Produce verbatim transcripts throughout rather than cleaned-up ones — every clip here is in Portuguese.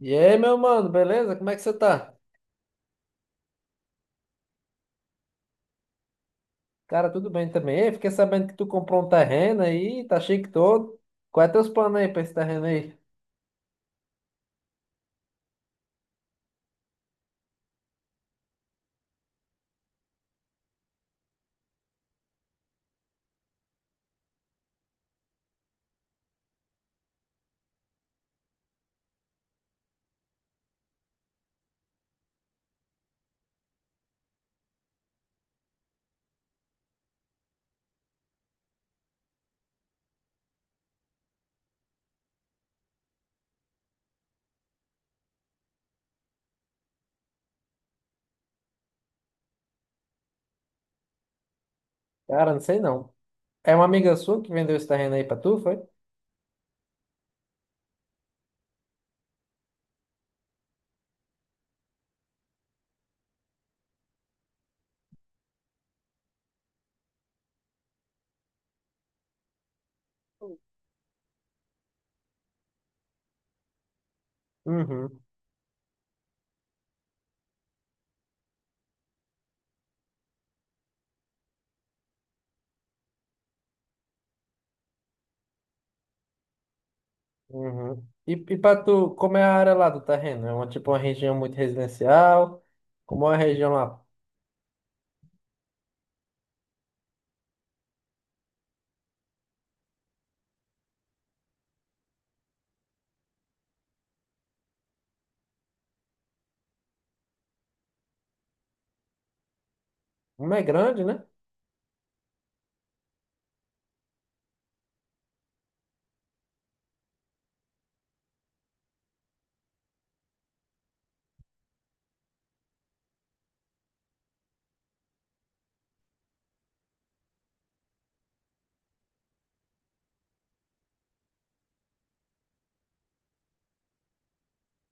E aí, meu mano, beleza? Como é que você tá? Cara, tudo bem também. Ei, fiquei sabendo que tu comprou um terreno aí, tá chique todo. Quais é teus planos aí pra esse terreno aí? Cara, não sei não. É uma amiga sua que vendeu esse terreno aí pra tu, foi? Uhum. Uhum. E, e para tu, como é a área lá do terreno? É uma, tipo uma região muito residencial? Como é a região lá? Como é grande, né?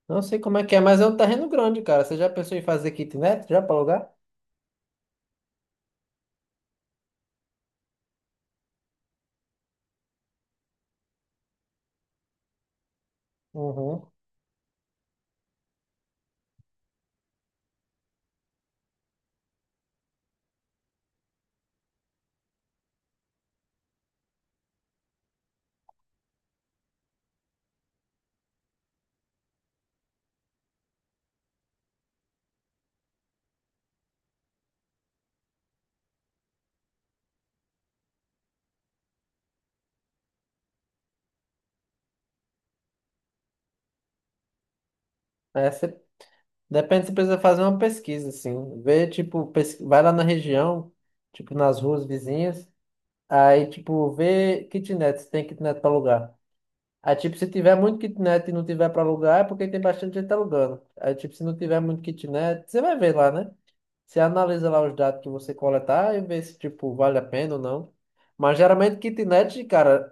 Não sei como é que é, mas é um terreno grande, cara. Você já pensou em fazer kitnet já para alugar? Uhum. É, Depende, você precisa fazer uma pesquisa, assim. Ver, tipo, pes- vai lá na região, tipo, nas ruas vizinhas. Aí, tipo, vê kitnet, se tem kitnet para alugar. Aí, tipo, se tiver muito kitnet e não tiver para alugar, é porque tem bastante gente alugando. Aí, tipo, se não tiver muito kitnet, você vai ver lá, né? Você analisa lá os dados que você coletar e vê se, tipo, vale a pena ou não. Mas geralmente kitnet, cara,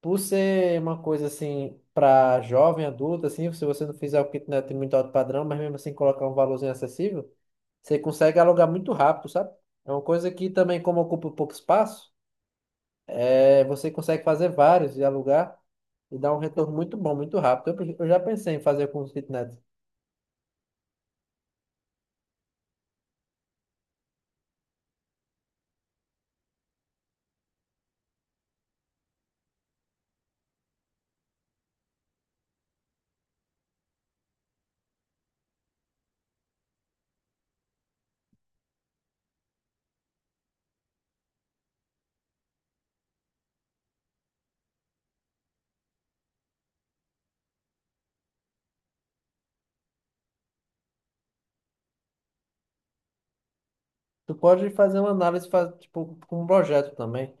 por ser uma coisa assim para jovem, adulto, assim, se você não fizer o que não tem muito alto padrão, mas mesmo assim colocar um valorzinho acessível, você consegue alugar muito rápido, sabe? É uma coisa que também, como ocupa um pouco espaço, é, você consegue fazer vários e alugar e dar um retorno muito bom, muito rápido. Eu, eu já pensei em fazer com os kitnets. Tu pode fazer uma análise, faz, tipo, com um projeto também.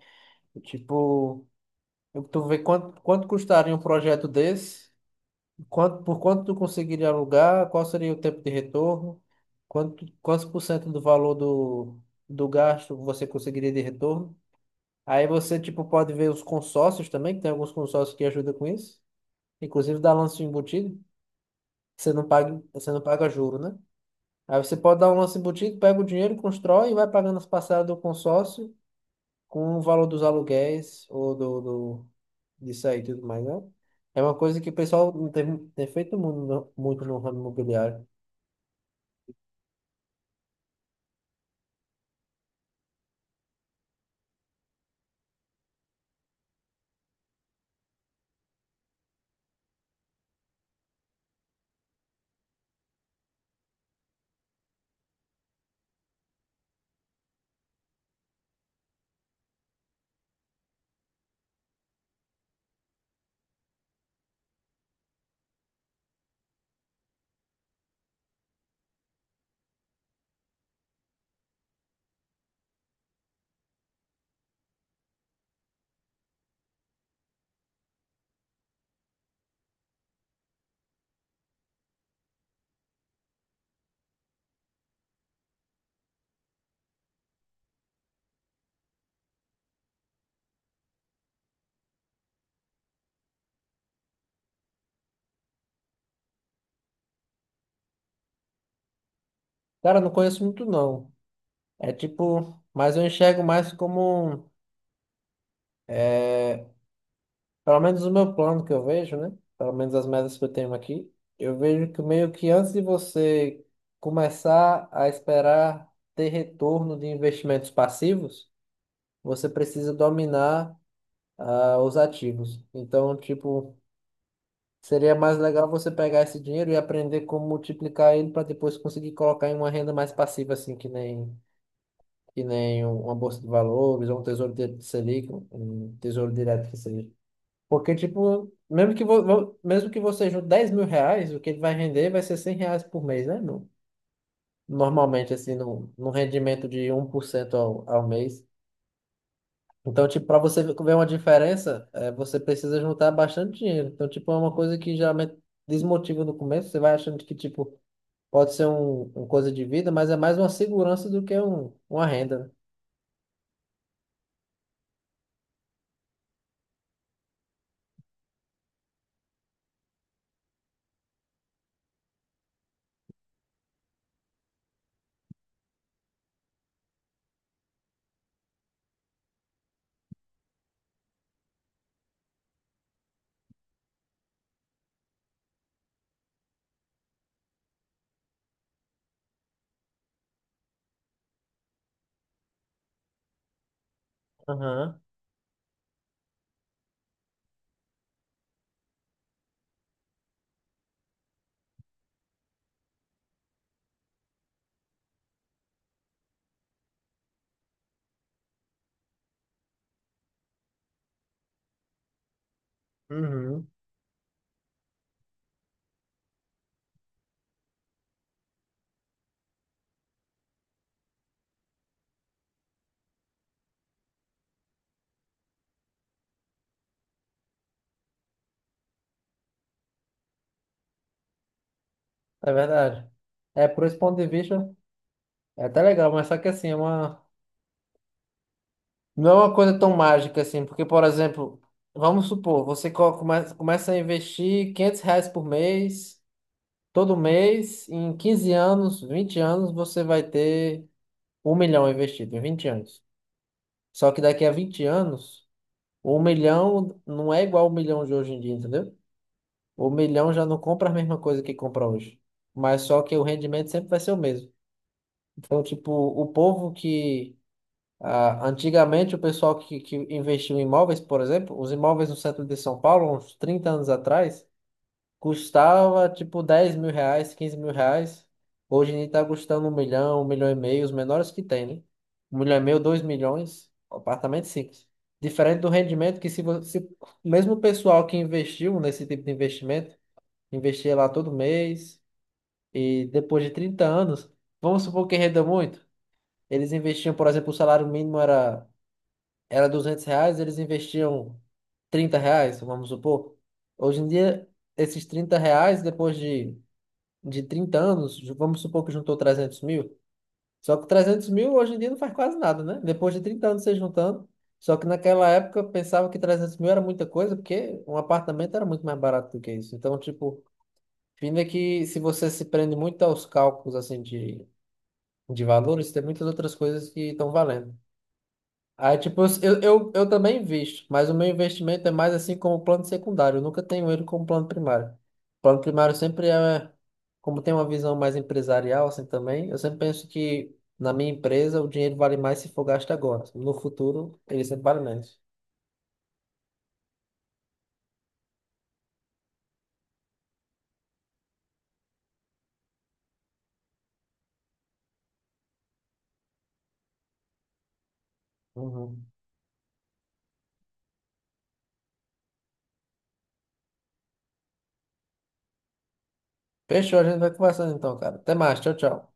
Tipo, tu vê quanto, quanto custaria um projeto desse. Quanto, por quanto tu conseguiria alugar? Qual seria o tempo de retorno? Quanto, quantos por cento do valor do, do gasto você conseguiria de retorno? Aí você, tipo, pode ver os consórcios também, que tem alguns consórcios que ajudam com isso. Inclusive dá lance embutido. Você não paga, você não paga juro, né? Aí você pode dar um lance embutido, pega o dinheiro, constrói e vai pagando as parcelas do consórcio com o valor dos aluguéis ou do, do, disso aí e tudo mais, né? É uma coisa que o pessoal não tem, tem feito muito, no- muito no ramo imobiliário. Cara, não conheço muito não. É tipo, mas eu enxergo mais como, é, pelo menos o meu plano que eu vejo, né? Pelo menos as metas que eu tenho aqui. Eu vejo que meio que antes de você começar a esperar ter retorno de investimentos passivos, você precisa dominar, ah, os ativos. Então, tipo, seria mais legal você pegar esse dinheiro e aprender como multiplicar ele para depois conseguir colocar em uma renda mais passiva, assim, que nem que nem um- uma bolsa de valores, ou um tesouro de Selic, um um tesouro direto que seja. Porque, tipo, mesmo que, vo, vo- mesmo que você junte dez mil reais, o que ele vai render vai ser cem reais por mês, né? No, normalmente, assim, num num rendimento de um por cento ao, ao mês. Então, tipo, para você ver uma diferença, é, você precisa juntar bastante dinheiro. Então, tipo, é uma coisa que geralmente desmotiva no começo. Você vai achando que, tipo, pode ser um, uma coisa de vida, mas é mais uma segurança do que um, uma renda, né? Aham. Uhum. É verdade. É, por esse ponto de vista, é até legal, mas só que assim, é uma... não é uma coisa tão mágica assim, porque, por exemplo, vamos supor, você co- come- começa a investir quinhentos reais por mês, todo mês, em quinze anos, vinte anos, você vai ter um milhão investido, em vinte anos. Só que daqui a vinte anos, um milhão não é igual ao milhão de hoje em dia, entendeu? O milhão já não compra a mesma coisa que compra hoje. Mas só que o rendimento sempre vai ser o mesmo. Então, tipo, o povo que... Ah, antigamente, o pessoal que, que investiu em imóveis, por exemplo, os imóveis no centro de São Paulo, uns trinta anos atrás, custava tipo dez mil reais, quinze mil reais. Hoje em dia está custando um milhão, um milhão e meio, os menores que tem, né? Um milhão e meio, dois milhões, apartamento simples. Diferente do rendimento que se você, mesmo o pessoal que investiu nesse tipo de investimento, investia lá todo mês e depois de trinta anos, vamos supor que renda muito, eles investiam, por exemplo, o salário mínimo era era duzentos reais, eles investiam trinta reais, vamos supor. Hoje em dia, esses trinta reais, depois de, de trinta anos, ju- vamos supor que juntou trezentos mil. Só que trezentos mil hoje em dia não faz quase nada, né? Depois de trinta anos você juntando. Só que naquela época eu pensava que trezentos mil era muita coisa, porque um apartamento era muito mais barato do que isso. Então, tipo, fim é que se você se prende muito aos cálculos assim de, de valores, tem muitas outras coisas que estão valendo. Aí, tipo, eu, eu, eu também invisto, mas o meu investimento é mais assim como plano secundário. Eu nunca tenho ele como plano primário. Plano primário sempre é, como tem uma visão mais empresarial, assim também, eu sempre penso que na minha empresa o dinheiro vale mais se for gasto agora. No futuro, ele sempre vale menos. Uhum. Fechou, a gente vai conversando então, cara. Até mais, tchau, tchau.